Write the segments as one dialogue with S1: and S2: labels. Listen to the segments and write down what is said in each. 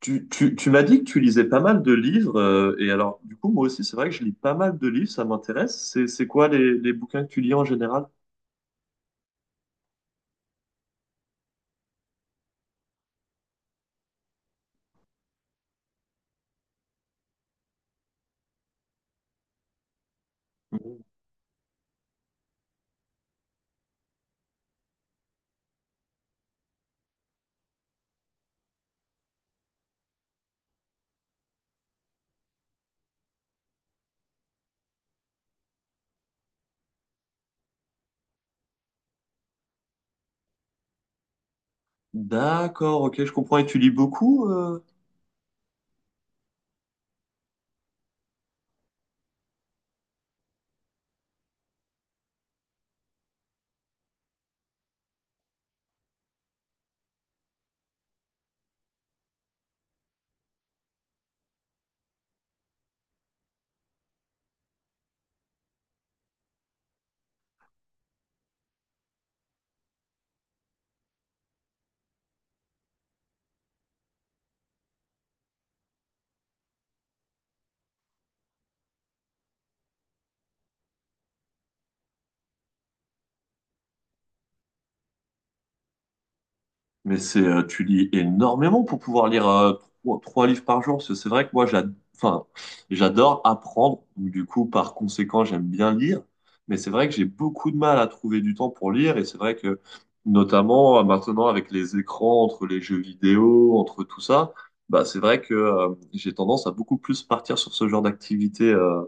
S1: Tu m'as dit que tu lisais pas mal de livres, et alors du coup moi aussi c'est vrai que je lis pas mal de livres, ça m'intéresse. C'est quoi les bouquins que tu lis en général? Mhm. D'accord, ok, je comprends. Et tu lis beaucoup? Mais c'est, tu lis énormément pour pouvoir lire trois livres par jour. Parce que c'est vrai que moi, enfin, j'adore apprendre. Donc, du coup, par conséquent, j'aime bien lire. Mais c'est vrai que j'ai beaucoup de mal à trouver du temps pour lire. Et c'est vrai que, notamment maintenant, avec les écrans, entre les jeux vidéo, entre tout ça, bah, c'est vrai que j'ai tendance à beaucoup plus partir sur ce genre d'activité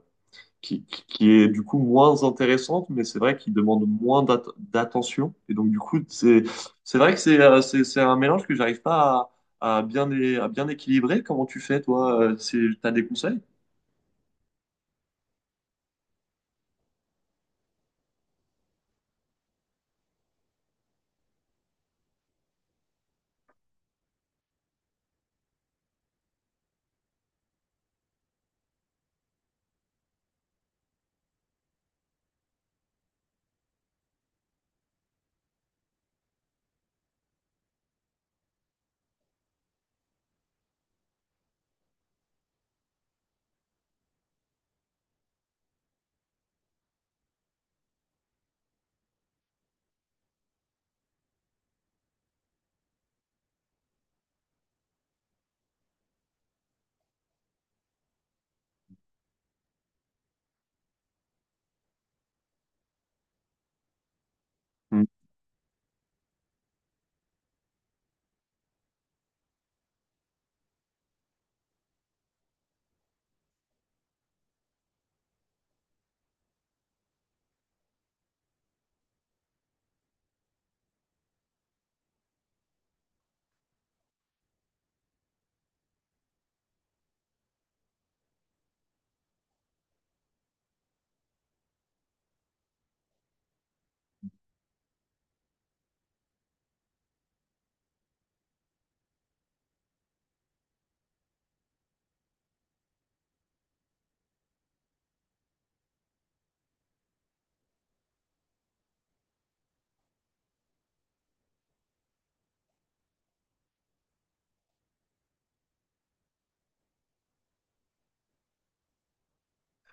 S1: qui est du coup moins intéressante, mais c'est vrai qu'il demande moins d'attention. Et donc, du coup, c'est vrai que c'est c'est un mélange que j'arrive pas à, à bien, à bien équilibrer. Comment tu fais, toi? T'as des conseils?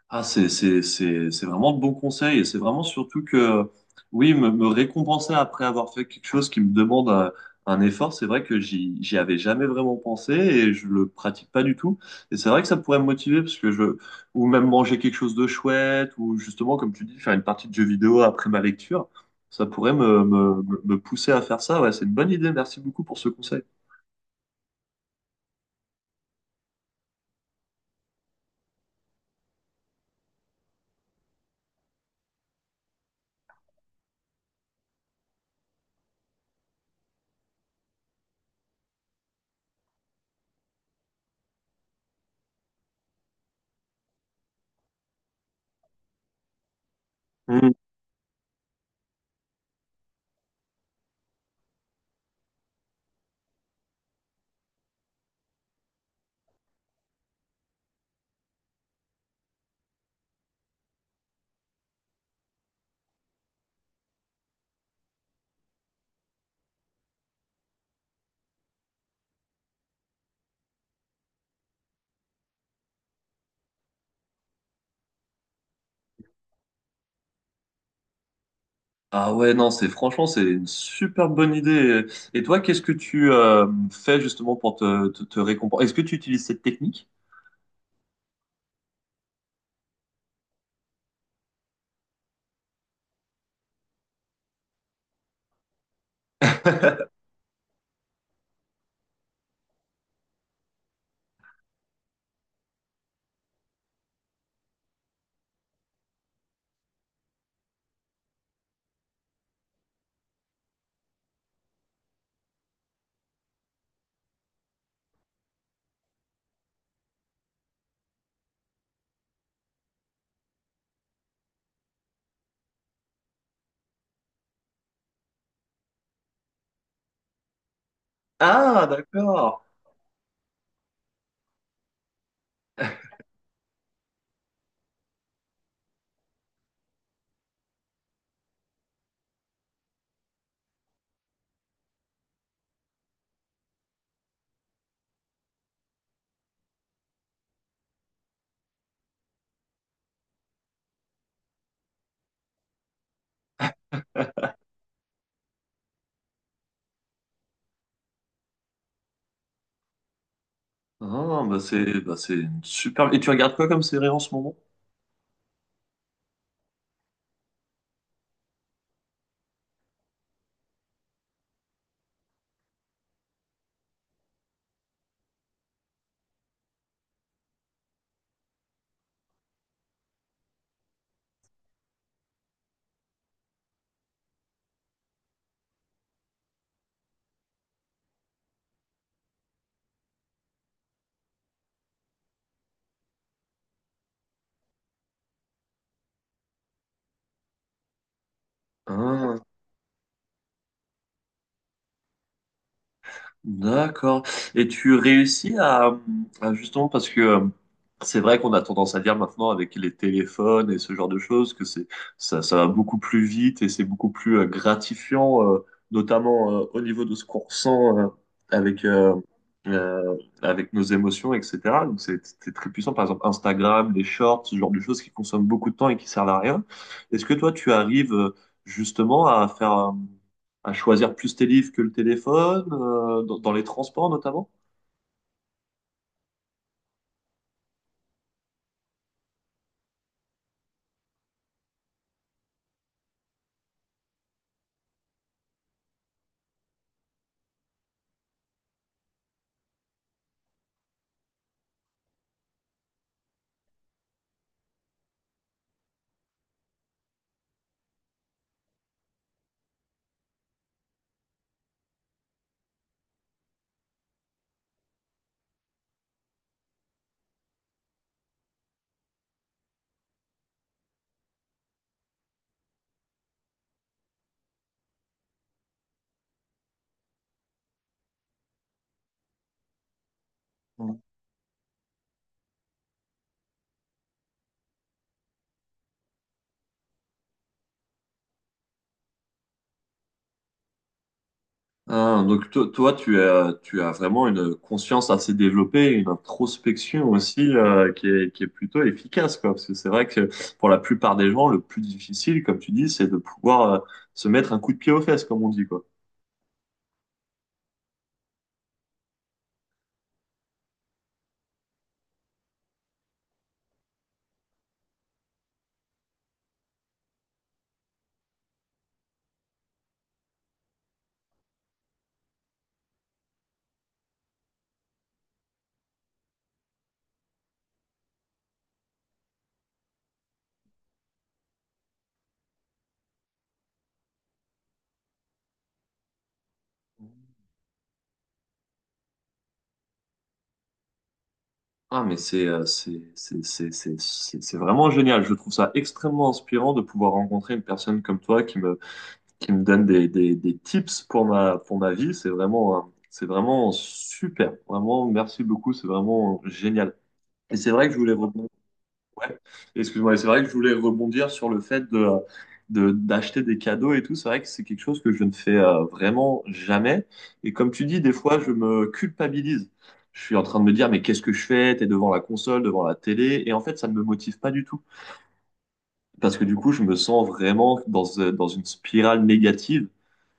S1: Ah, c'est vraiment de bons conseils et c'est vraiment surtout que, oui, me récompenser après avoir fait quelque chose qui me demande un effort, c'est vrai que j'y avais jamais vraiment pensé et je le pratique pas du tout. Et c'est vrai que ça pourrait me motiver parce que je, ou même manger quelque chose de chouette ou justement, comme tu dis, faire une partie de jeu vidéo après ma lecture, ça pourrait me pousser à faire ça. Ouais, c'est une bonne idée. Merci beaucoup pour ce conseil. Ah ouais, non, c'est franchement, c'est une super bonne idée. Et toi, qu'est-ce que tu fais justement pour te récompenser? Est-ce que tu utilises cette technique? Ah, d'accord. Ah, bah c'est une super. Et tu regardes quoi comme série en ce moment? Ah. D'accord. Et tu réussis à justement parce que c'est vrai qu'on a tendance à dire maintenant avec les téléphones et ce genre de choses que c'est ça, ça va beaucoup plus vite et c'est beaucoup plus gratifiant, notamment au niveau de ce qu'on ressent avec euh, avec nos émotions, etc. Donc c'est très puissant. Par exemple Instagram, les shorts, ce genre de choses qui consomment beaucoup de temps et qui servent à rien. Est-ce que toi tu arrives justement à faire à choisir plus tes livres que le téléphone, dans, dans les transports notamment. Mm. Ah, donc toi, tu as vraiment une conscience assez développée, une introspection aussi qui est plutôt efficace, quoi. Parce que c'est vrai que pour la plupart des gens, le plus difficile, comme tu dis, c'est de pouvoir se mettre un coup de pied aux fesses, comme on dit, quoi. Ah, mais c'est c'est vraiment génial. Je trouve ça extrêmement inspirant de pouvoir rencontrer une personne comme toi qui me donne des tips pour pour ma vie. C'est vraiment super. Vraiment, merci beaucoup. C'est vraiment génial. Et c'est vrai que je voulais rebondir. Ouais, excuse-moi. Et c'est vrai que je voulais rebondir sur le fait de, d'acheter des cadeaux et tout. C'est vrai que c'est quelque chose que je ne fais vraiment jamais. Et comme tu dis, des fois, je me culpabilise. Je suis en train de me dire, mais qu'est-ce que je fais? T'es devant la console, devant la télé. Et en fait, ça ne me motive pas du tout. Parce que du coup, je me sens vraiment dans, dans une spirale négative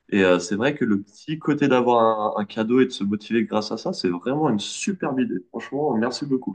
S1: et c'est vrai que le petit côté d'avoir un cadeau et de se motiver grâce à ça, c'est vraiment une superbe idée. Franchement, merci beaucoup.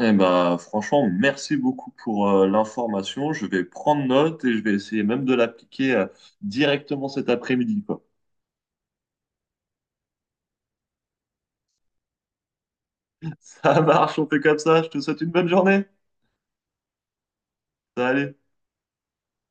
S1: Eh ben, franchement, merci beaucoup pour l'information. Je vais prendre note et je vais essayer même de l'appliquer directement cet après-midi, quoi. Ça marche, on fait comme ça. Je te souhaite une bonne journée. Salut.